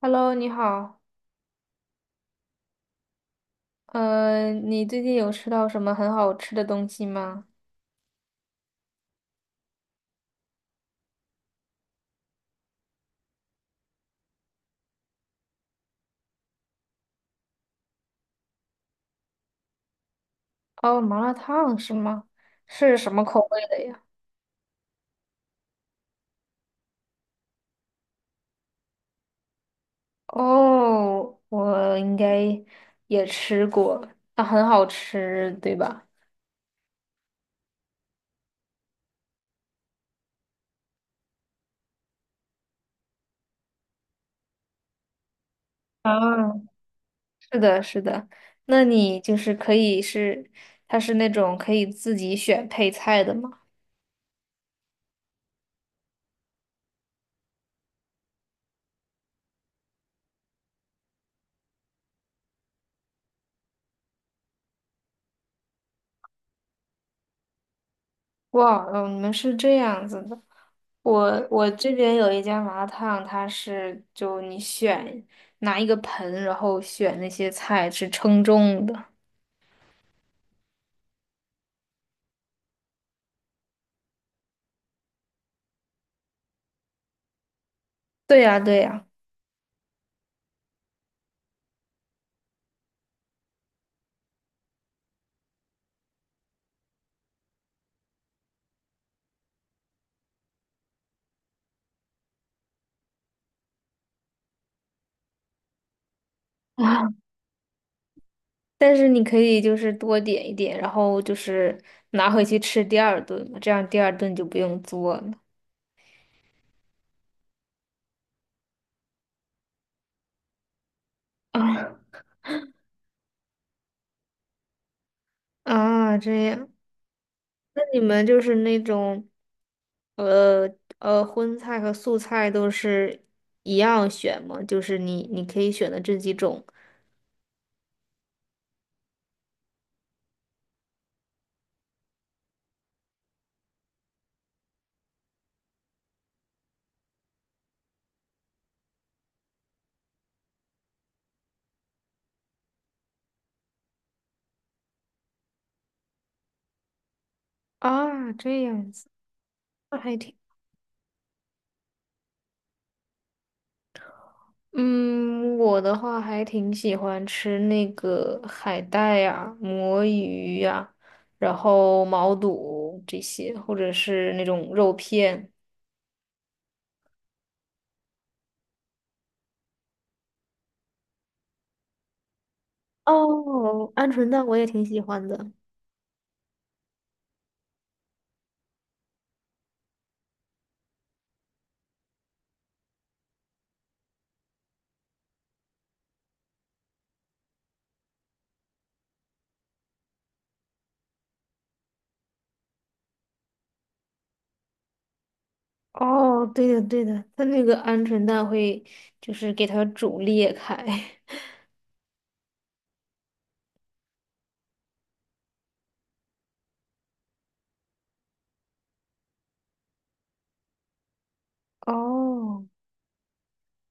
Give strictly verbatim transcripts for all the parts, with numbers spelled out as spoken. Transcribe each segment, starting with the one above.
Hello，你好，呃，你最近有吃到什么很好吃的东西吗？哦，麻辣烫是吗？是什么口味的呀？哦，我应该也吃过，啊，很好吃，对吧？啊，是的，是的。那你就是可以是，它是那种可以自己选配菜的吗？哇，哦，你们是这样子的。我我这边有一家麻辣烫，它是就你选拿一个盆，然后选那些菜是称重的。对呀，对呀。啊！但是你可以就是多点一点，然后就是拿回去吃第二顿嘛，这样第二顿就不用做了。啊，啊这样。那你们就是那种，呃呃，荤菜和素菜都是一样选吗？就是你你可以选的这几种啊，这样子，那还挺，嗯，我的话还挺喜欢吃那个海带呀、魔芋呀、然后毛肚这些，或者是那种肉片。哦，鹌鹑蛋我也挺喜欢的。哦，对的对的，它那个鹌鹑蛋会就是给它煮裂开。哦，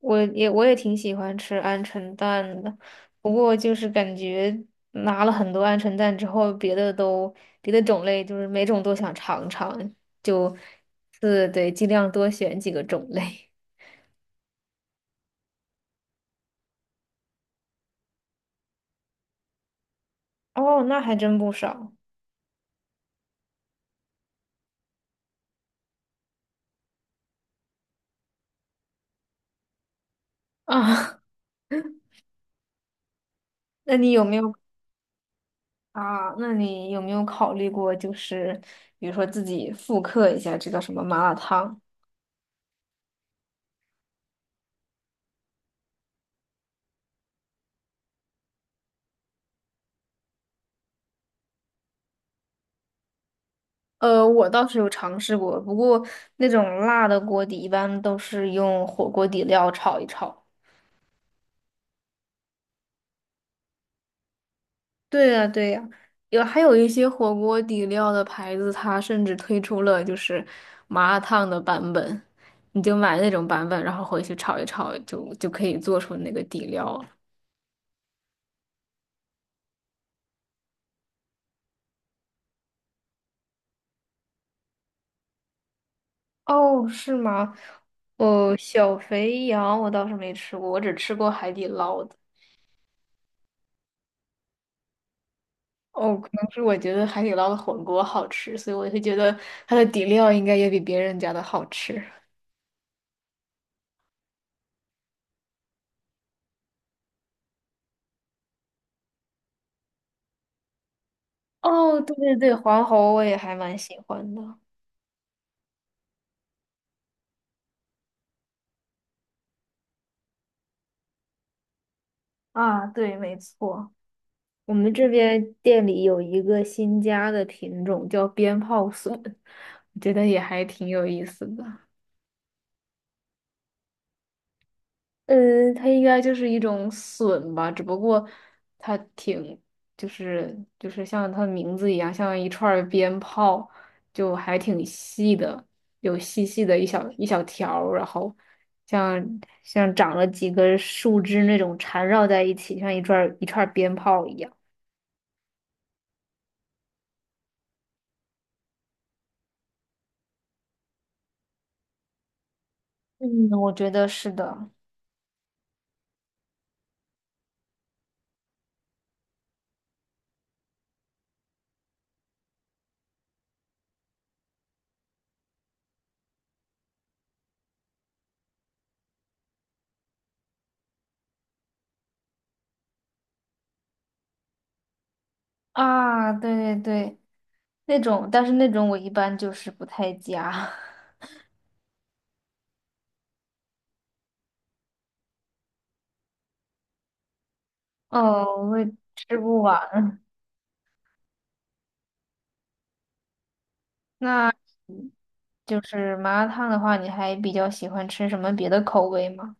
我也我也挺喜欢吃鹌鹑蛋的，不过就是感觉拿了很多鹌鹑蛋之后，别的都别的种类就是每种都想尝尝，就是对，尽量多选几个种类。哦，那还真不少啊。那你有没有啊？那你有没有考虑过，就是比如说自己复刻一下这叫什么麻辣烫？呃，我倒是有尝试过，不过那种辣的锅底一般都是用火锅底料炒一炒。对呀，对呀，有还有一些火锅底料的牌子，它甚至推出了就是麻辣烫的版本，你就买那种版本，然后回去炒一炒，就就可以做出那个底料了。哦，是吗？哦，小肥羊我倒是没吃过，我只吃过海底捞的。哦，可能是我觉得海底捞的火锅好吃，所以我会觉得它的底料应该也比别人家的好吃。哦，对对对，黄喉我也还蛮喜欢的。啊，对，没错，我们这边店里有一个新加的品种叫鞭炮笋，我觉得也还挺有意思的。呃，它应该就是一种笋吧，只不过它挺，就是就是像它的名字一样，像一串儿鞭炮，就还挺细的，有细细的一小一小条儿然后像像长了几根树枝那种缠绕在一起，像一串儿一串儿鞭炮一样。嗯，我觉得是的。啊，对对对，那种，但是那种我一般就是不太加，哦，我也吃不完。那。就是麻辣烫的话，你还比较喜欢吃什么别的口味吗？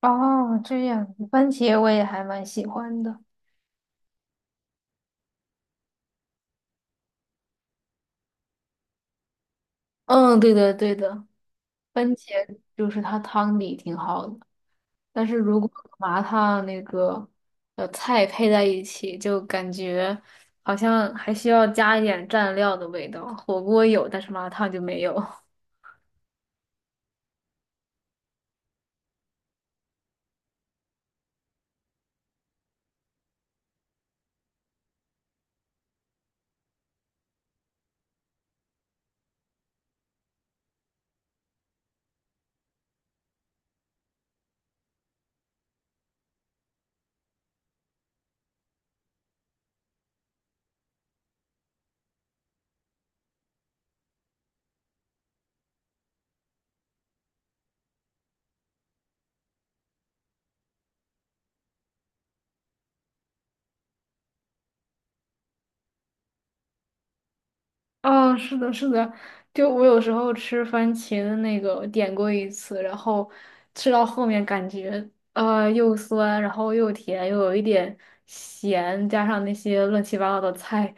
哦，这样，番茄我也还蛮喜欢的。嗯，对的，对的，番茄就是它汤底挺好的，但是如果麻辣烫那个呃菜配在一起，就感觉好像还需要加一点蘸料的味道。火锅有，但是麻辣烫就没有。哦，是的，是的，就我有时候吃番茄的那个点过一次，然后吃到后面感觉呃又酸，然后又甜，又有一点咸，加上那些乱七八糟的菜，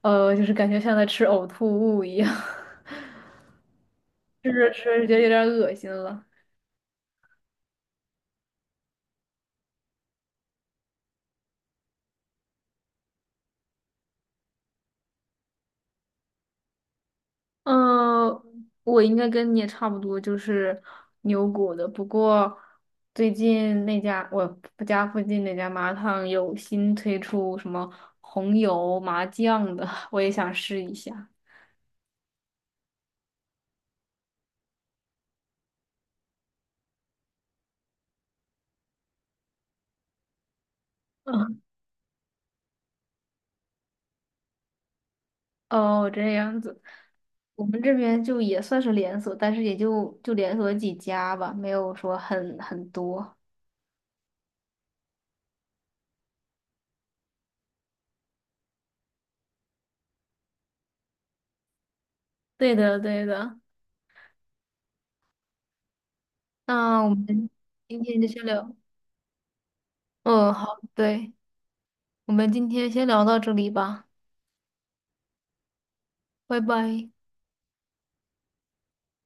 呃，就是感觉像在吃呕吐物一样，吃着吃着觉得有点恶心了。嗯，我应该跟你也差不多，就是牛骨的。不过最近那家我家附近那家麻辣烫有新推出什么红油麻酱的，我也想试一下。嗯，哦，这样子，我们这边就也算是连锁，但是也就就连锁几家吧，没有说很很多。对的，对的。那我们今天就先聊，嗯，好，对，我们今天先聊到这里吧，拜拜。